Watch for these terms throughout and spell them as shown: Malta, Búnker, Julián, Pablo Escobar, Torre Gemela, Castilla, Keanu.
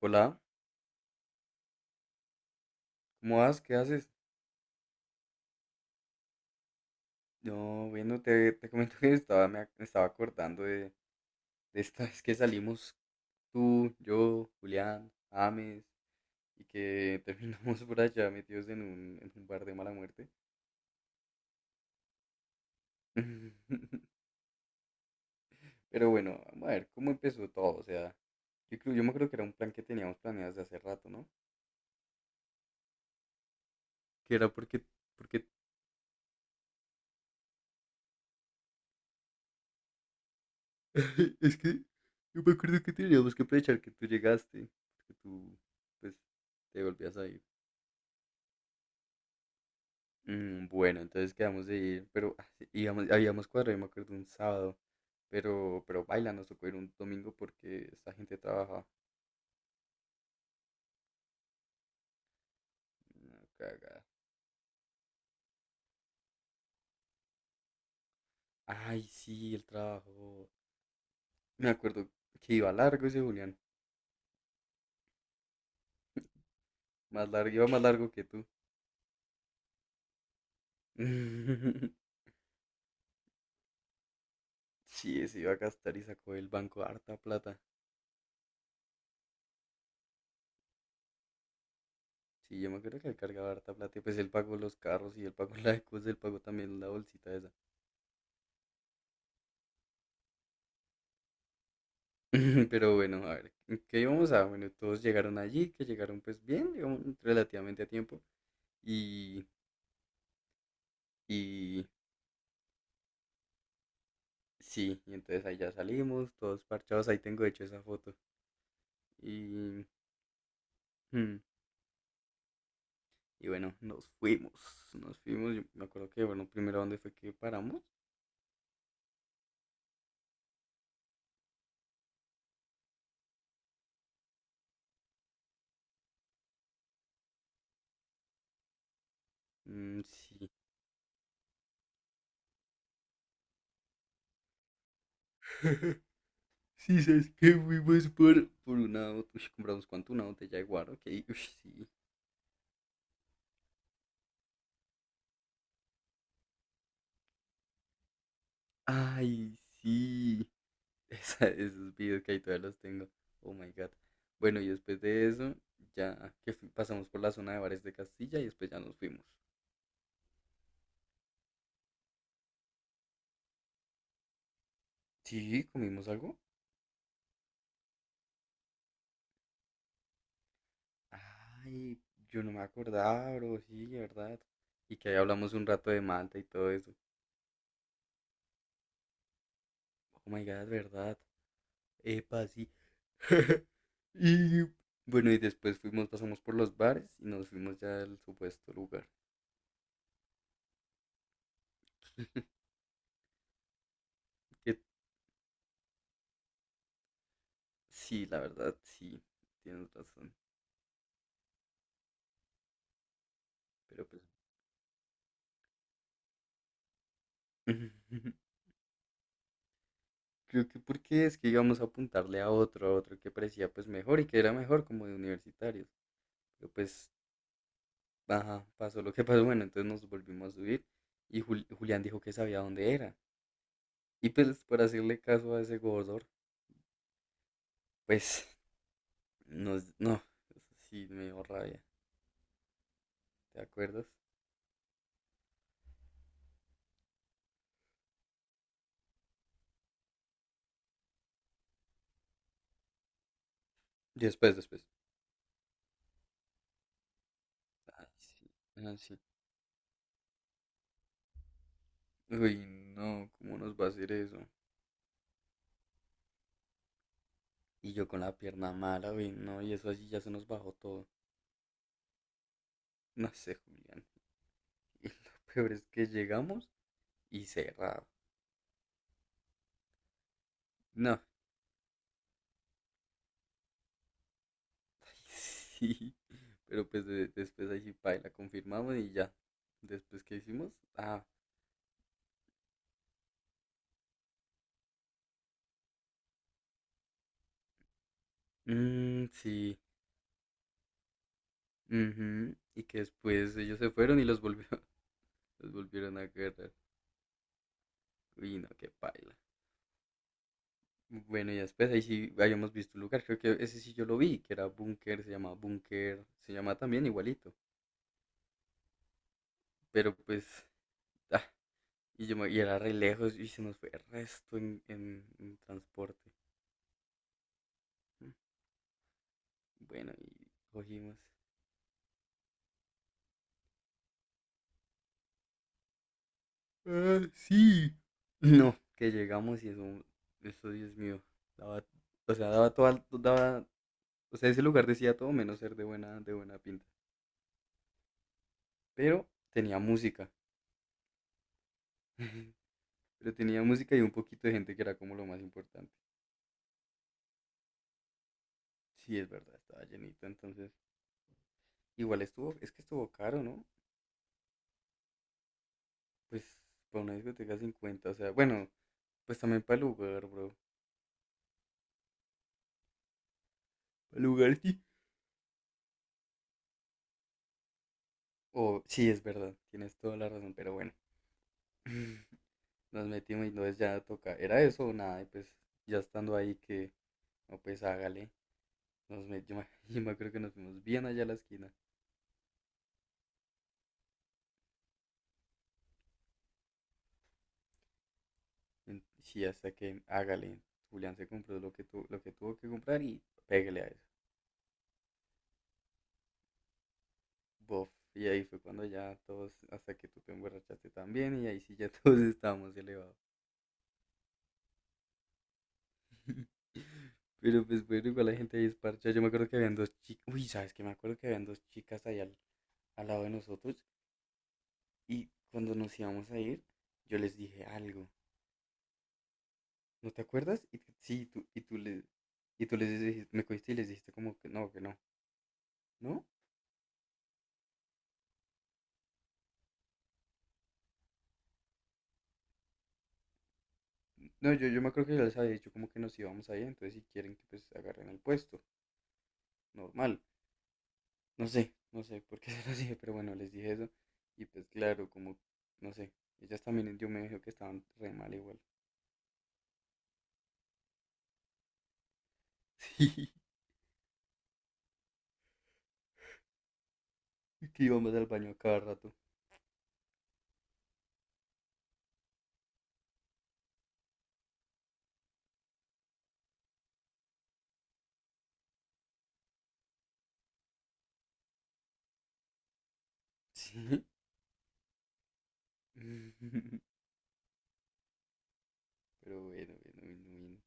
Hola, ¿cómo vas? ¿Qué haces? No, bueno, te comento que estaba, me estaba acordando de esta vez que salimos tú, yo, Julián, Ames, y que terminamos por allá metidos en un bar de mala muerte. Pero bueno, vamos a ver cómo empezó todo. O sea, yo me acuerdo que era un plan que teníamos planeado desde hace rato, ¿no? Que era porque, es que yo me acuerdo que teníamos que aprovechar que tú llegaste, que tú, pues, te volvías a ir. Bueno, entonces quedamos de ir, pero ah, sí, íbamos, habíamos cuadrado, yo me acuerdo, un sábado, pero, nos tocó ir un domingo porque esta gente trabaja. No, cagada. Ay, sí, el trabajo. Me acuerdo que iba largo ese Julián, más largo, iba más largo que tú. Sí, se iba a gastar y sacó del banco harta plata. Sí, yo me acuerdo que él cargaba harta plata y pues él pagó los carros y él pagó la cosa, él pagó también la bolsita esa. Pero bueno, a ver, ¿en ¿qué íbamos a? Bueno, todos llegaron allí, que llegaron pues bien, digamos, relativamente a tiempo. Y, y sí, y entonces ahí ya salimos, todos parchados, ahí tengo de hecho esa foto. Y, mm, y bueno, nos fuimos, yo me acuerdo que, bueno, primero dónde fue que paramos. Sí. Sí, sabes que fuimos uy, compramos cuánto, una botella de guaro, ok, uy, sí. Ay, sí. Esos videos que ahí todavía los tengo. Oh my god. Bueno, y después de eso, ya que pasamos por la zona de bares de Castilla y después ya nos fuimos. Sí, comimos algo. Ay, yo no me acordaba, bro. Sí, verdad. Y que ahí hablamos un rato de Malta y todo eso. Oh my god, verdad. Epa, sí. Y bueno, y después fuimos, pasamos por los bares y nos fuimos ya al supuesto lugar. Que sí, la verdad, sí, tienes razón. Pero pues. Creo que porque es que íbamos a apuntarle a otro que parecía pues mejor y que era mejor como de universitarios. Pero pues, ajá, pasó lo que pasó. Bueno, entonces nos volvimos a subir y Julián dijo que sabía dónde era. Y pues por hacerle caso a ese gordor, pues nos, no, eso sí me dio rabia, ¿te acuerdas? Después, después. Ay, sí, ay, sí. Uy, no, ¿cómo nos va a hacer eso? Y yo con la pierna mala, uy, no, y eso así ya se nos bajó todo. No sé, Julián. Y lo peor es que llegamos y cerrado. No, ay, sí. Pero pues después ahí sí, paila, la confirmamos y ya. Después que hicimos, ah, mm, sí. Ujú, y que después ellos se fueron y los volvió, los volvieron a agarrar. Uy, no, qué paila. Bueno, y después ahí sí habíamos visto un lugar, creo que ese sí yo lo vi, que era Búnker, se llama también igualito. Pero pues, ah, y, y era re lejos y se nos fue el resto en transporte. Mm, Bueno, y cogimos. Ah, sí. No, que llegamos y eso, Dios mío, daba, o sea, daba toda, daba, o sea, ese lugar decía todo menos ser de buena pinta. Pero tenía música, pero tenía música y un poquito de gente que era como lo más importante. Sí, es verdad, estaba llenito, entonces, igual estuvo, es que estuvo caro, ¿no? Pues, para una discoteca 50, o sea, bueno, pues también para el lugar, bro, para el lugar, sí. O, sí, es verdad, tienes toda la razón, pero bueno. Nos metimos y entonces ya toca, era eso o nada, y pues ya estando ahí que, no pues hágale, nos met- yo, me, yo me acuerdo que nos fuimos bien allá a la esquina, sí, hasta que hágale, Julián se compró lo que, tu, lo que tuvo que comprar y pégale a eso, bof, y ahí fue cuando ya todos, hasta que tú te emborrachaste también y ahí sí ya todos estábamos elevados. Pero pues bueno, igual la gente ahí es parcha. Yo me acuerdo que habían dos chicas. Uy, ¿sabes qué? Me acuerdo que habían dos chicas ahí al lado de nosotros. Y cuando nos íbamos a ir, yo les dije algo. ¿No te acuerdas? Y y tú les dijiste, me cogiste y les dijiste como que no, ¿no? No, yo me acuerdo que yo les había dicho como que nos íbamos a ir, entonces si quieren que pues agarren el puesto, normal. No sé, no sé por qué se los dije, pero bueno, les dije eso. Y pues claro, como, no sé, ellas también yo me dijo que estaban re mal igual. Sí, que íbamos al baño a cada rato. Sí. Pero bueno, bueno, bueno, bien.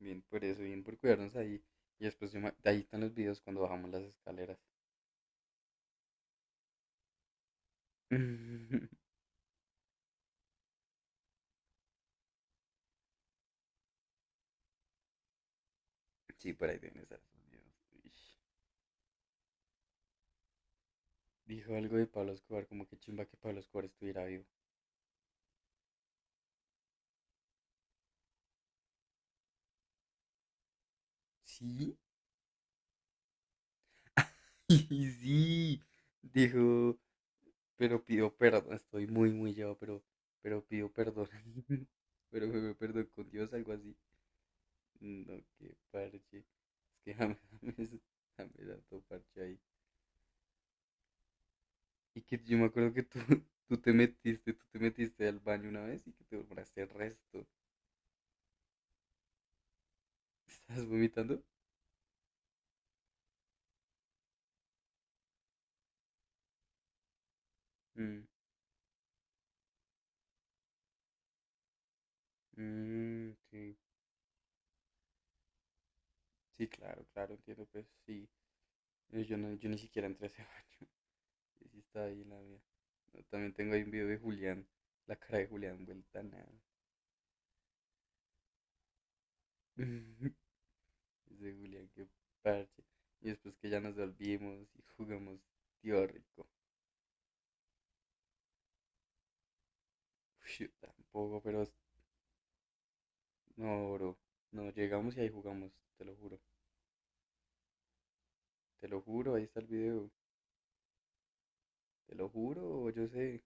Bien por eso, bien por cuidarnos ahí. Y después ahí están los videos cuando bajamos las escaleras. Sí, por ahí deben estar esos videos. Uish. Dijo algo de Pablo Escobar, como que chimba que Pablo Escobar estuviera vivo. Sí, sí. Dijo, pero pidió perdón. Estoy muy, muy llevado, pero pidió perdón. Pero me perdón con Dios, algo así. No, qué parche. Es que jamás, jamás, jamás, harto parche ahí. Y que yo me acuerdo que tú, tú te metiste al baño una vez y que te borraste el resto. ¿Estás vomitando? Mm, sí, sí, claro, claro, entiendo, pues sí. Yo, no, yo ni siquiera entré a ese baño. Yo sí estaba ahí en la mía. No, también tengo ahí un video de Julián, la cara de Julián vuelta a nada. Ese Julián, qué parche. Y después que ya nos volvimos y jugamos tío rico. Uy, yo tampoco, pero no, bro. No, llegamos y ahí jugamos, te lo juro. Te lo juro, ahí está el video. Te lo juro, yo sé.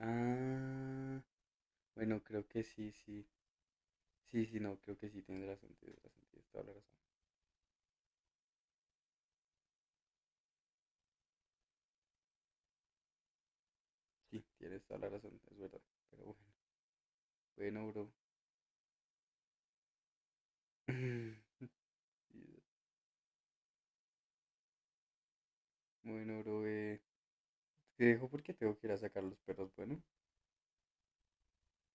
Ah, bueno, creo que sí, sí. Sí, sí, no, creo que sí, tienes razón, tienes razón, tienes toda la razón. Sí, tienes toda la razón, es verdad. Pero bueno, bueno, bro. Sí, bueno, bro, te dejo porque tengo que ir a sacar los perros, bueno.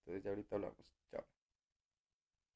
Entonces ya ahorita hablamos. Chao.